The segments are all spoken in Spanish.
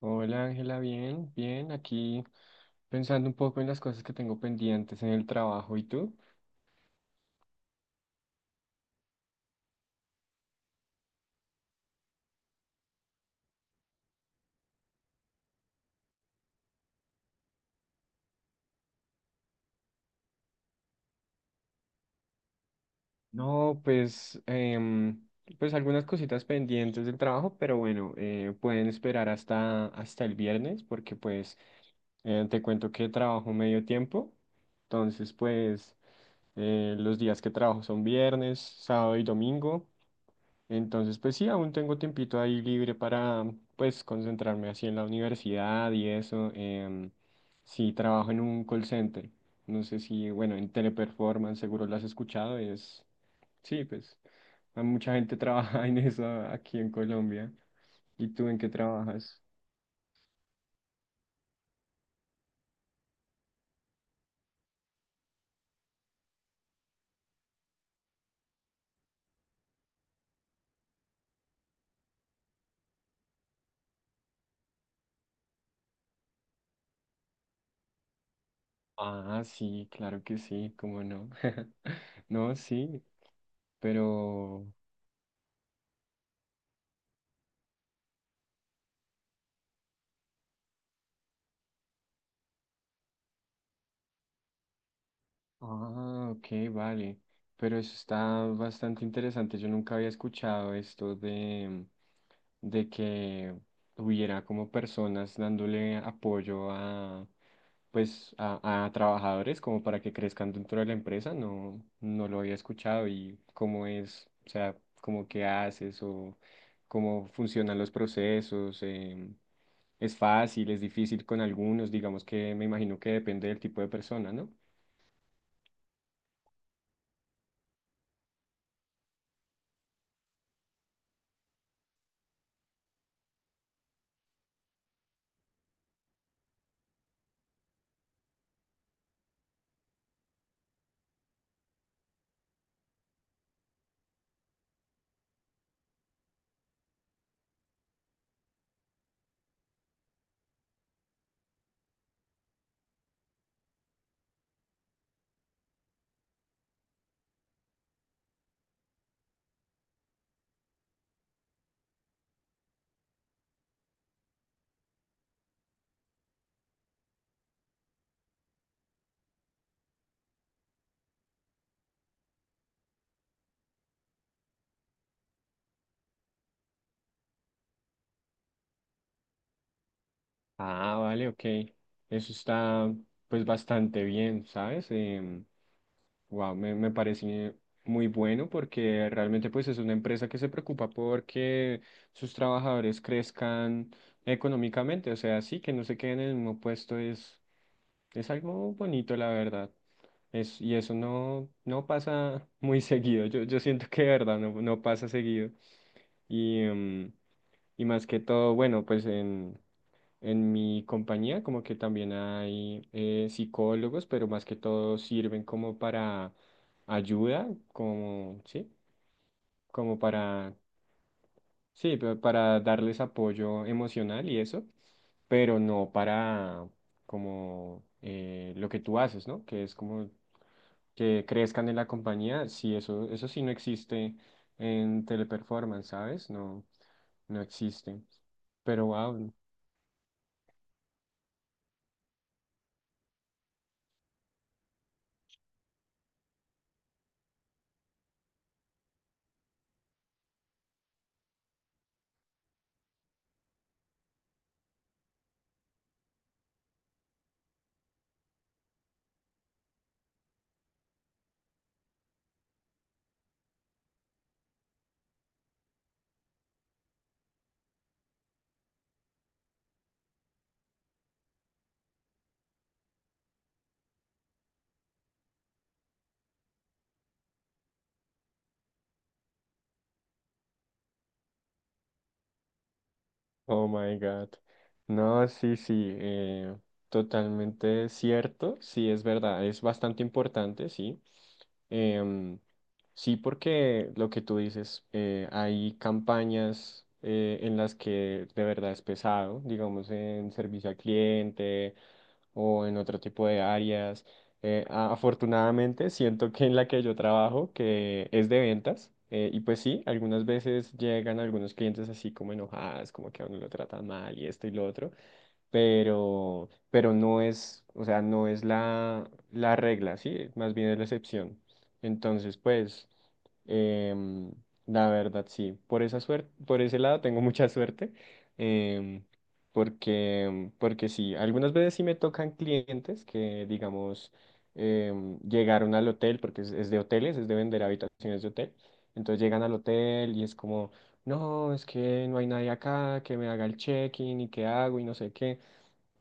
Hola Ángela, bien, bien, aquí pensando un poco en las cosas que tengo pendientes en el trabajo. ¿Y tú? No, pues, pues algunas cositas pendientes del trabajo, pero bueno, pueden esperar hasta el viernes porque pues te cuento que trabajo medio tiempo. Entonces, pues, los días que trabajo son viernes, sábado y domingo. Entonces, pues sí, aún tengo tiempito ahí libre para, pues, concentrarme así en la universidad y eso. Sí, trabajo en un call center. No sé si, bueno, en Teleperformance seguro lo has escuchado. Es, sí, pues, a mucha gente trabaja en eso aquí en Colombia. ¿Y tú en qué trabajas? Ah, sí, claro que sí, cómo no. No, sí, pero... Ah, ok, vale. Pero eso está bastante interesante. Yo nunca había escuchado esto de que hubiera como personas dándole apoyo a, pues, a trabajadores como para que crezcan dentro de la empresa. No, no lo había escuchado y cómo es, o sea, como qué haces o cómo funcionan los procesos. Es fácil, es difícil con algunos, digamos que me imagino que depende del tipo de persona, ¿no? Ah, vale, ok. Eso está pues bastante bien, ¿sabes? Wow, me parece muy bueno porque realmente pues es una empresa que se preocupa porque sus trabajadores crezcan económicamente. O sea, sí, que no se queden en el mismo puesto es algo bonito, la verdad. Es, y eso no pasa muy seguido. Yo siento que de verdad no pasa seguido. Y, y más que todo, bueno, pues en... En mi compañía como que también hay psicólogos, pero más que todo sirven como para ayuda, como, sí, como para, sí, para darles apoyo emocional y eso, pero no para como lo que tú haces, ¿no? Que es como que crezcan en la compañía, sí, eso sí no existe en Teleperformance, ¿sabes? No, no existe. Pero wow. Oh my God. No, sí, sí, totalmente cierto. Sí, es verdad, es bastante importante, sí. Em, sí, porque lo que tú dices, hay campañas en las que de verdad es pesado, digamos, en servicio al cliente o en otro tipo de áreas. Afortunadamente, siento que en la que yo trabajo, que es de ventas, y pues sí, algunas veces llegan algunos clientes así como enojadas, como que a uno lo tratan mal y esto y lo otro pero no es, o sea, no es la regla, sí, más bien es la excepción. Entonces, pues, em, la verdad, sí, por esa suerte, por ese lado tengo mucha suerte, em, porque sí, algunas veces sí me tocan clientes que, digamos, llegaron al hotel, porque es de hoteles, es de vender habitaciones de hotel, entonces llegan al hotel y es como... No, es que no hay nadie acá que me haga el check-in y qué hago y no sé qué.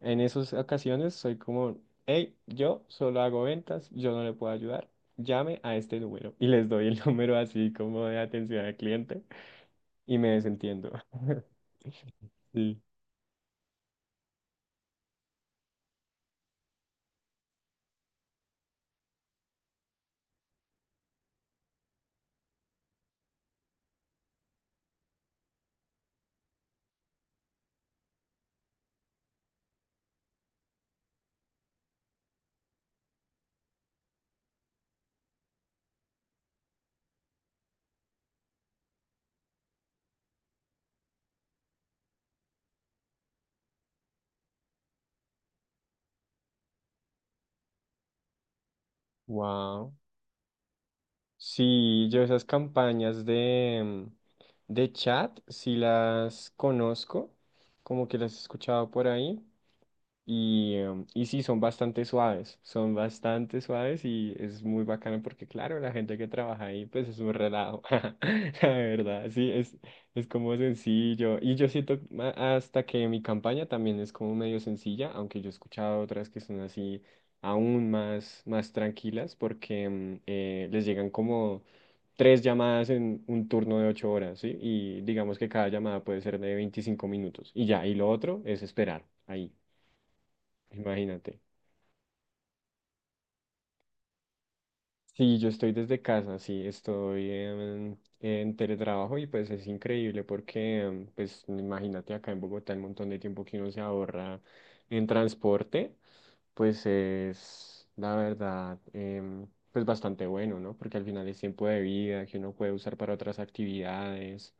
En esas ocasiones soy como, hey, yo solo hago ventas, yo no le puedo ayudar, llame a este número. Y les doy el número así como de atención al cliente y me desentiendo. Sí. Wow. Sí, yo esas campañas de, de chat, sí las conozco, como que las he escuchado por ahí. Y, y sí, son bastante suaves y es muy bacano porque, claro, la gente que trabaja ahí, pues es un relajo, la verdad, sí, es como sencillo. Y yo siento hasta que mi campaña también es como medio sencilla, aunque yo he escuchado otras que son así aún más, más tranquilas porque les llegan como tres llamadas en un turno de 8 horas, ¿sí? Y digamos que cada llamada puede ser de 25 minutos y ya, y lo otro es esperar ahí. Imagínate. Sí, yo estoy desde casa, sí, estoy en teletrabajo y pues es increíble porque, pues imagínate acá en Bogotá el montón de tiempo que uno se ahorra en transporte, pues es la verdad, pues bastante bueno, ¿no? Porque al final es tiempo de vida que uno puede usar para otras actividades.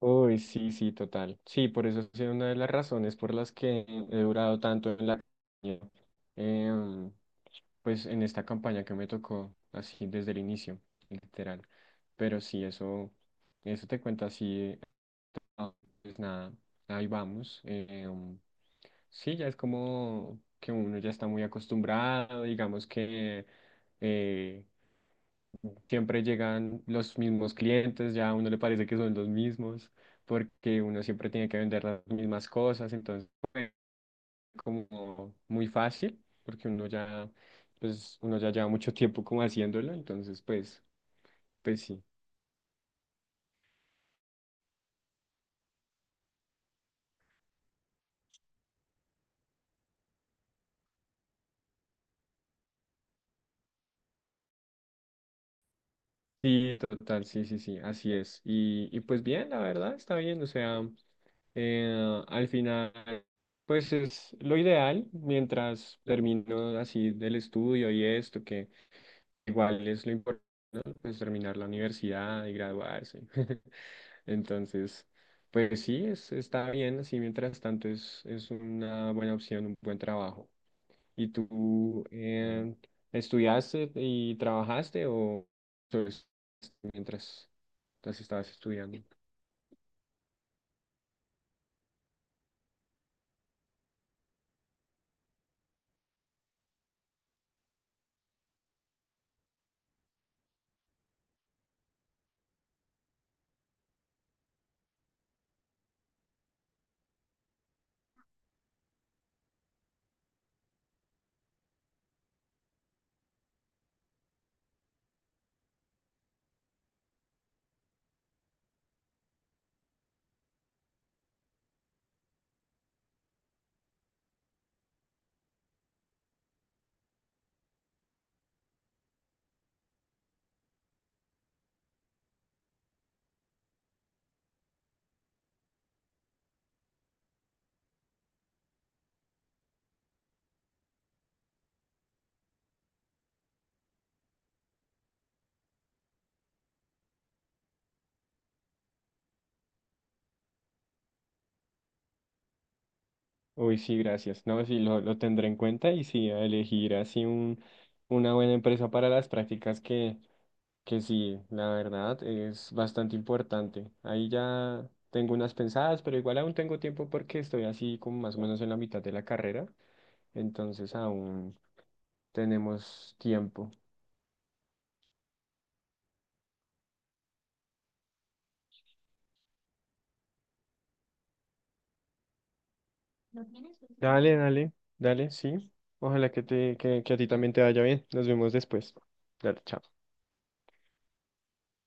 Uy, sí, sí, total. Sí, por eso es una de las razones por las que he durado tanto en la... compañía. Em, pues en esta campaña que me tocó, así desde el inicio, literal. Pero sí, eso te cuenta así, ah, pues nada, ahí vamos. Sí, ya es como que uno ya está muy acostumbrado, digamos que eh, siempre llegan los mismos clientes, ya a uno le parece que son los mismos, porque uno siempre tiene que vender las mismas cosas, entonces como muy fácil, porque uno ya, pues, uno ya lleva mucho tiempo como haciéndolo, entonces, pues, pues sí. Sí, total, sí, sí, sí, así es. Y pues bien, la verdad, está bien, o sea, al final, pues es lo ideal mientras termino así del estudio y esto, que igual es lo importante, pues terminar la universidad y graduarse. Entonces... Pues sí, es, está bien, así mientras tanto es una buena opción, un buen trabajo. ¿Y tú estudiaste y trabajaste o solo mientras, mientras estabas estudiando? Uy, sí, gracias. No, sí, lo tendré en cuenta y sí, a elegir así un, una buena empresa para las prácticas que sí, la verdad es bastante importante. Ahí ya tengo unas pensadas, pero igual aún tengo tiempo porque estoy así como más o menos en la mitad de la carrera, entonces aún tenemos tiempo. Dale, dale, dale, sí. Ojalá que te, que a ti también te vaya bien. Nos vemos después. Dale, chao.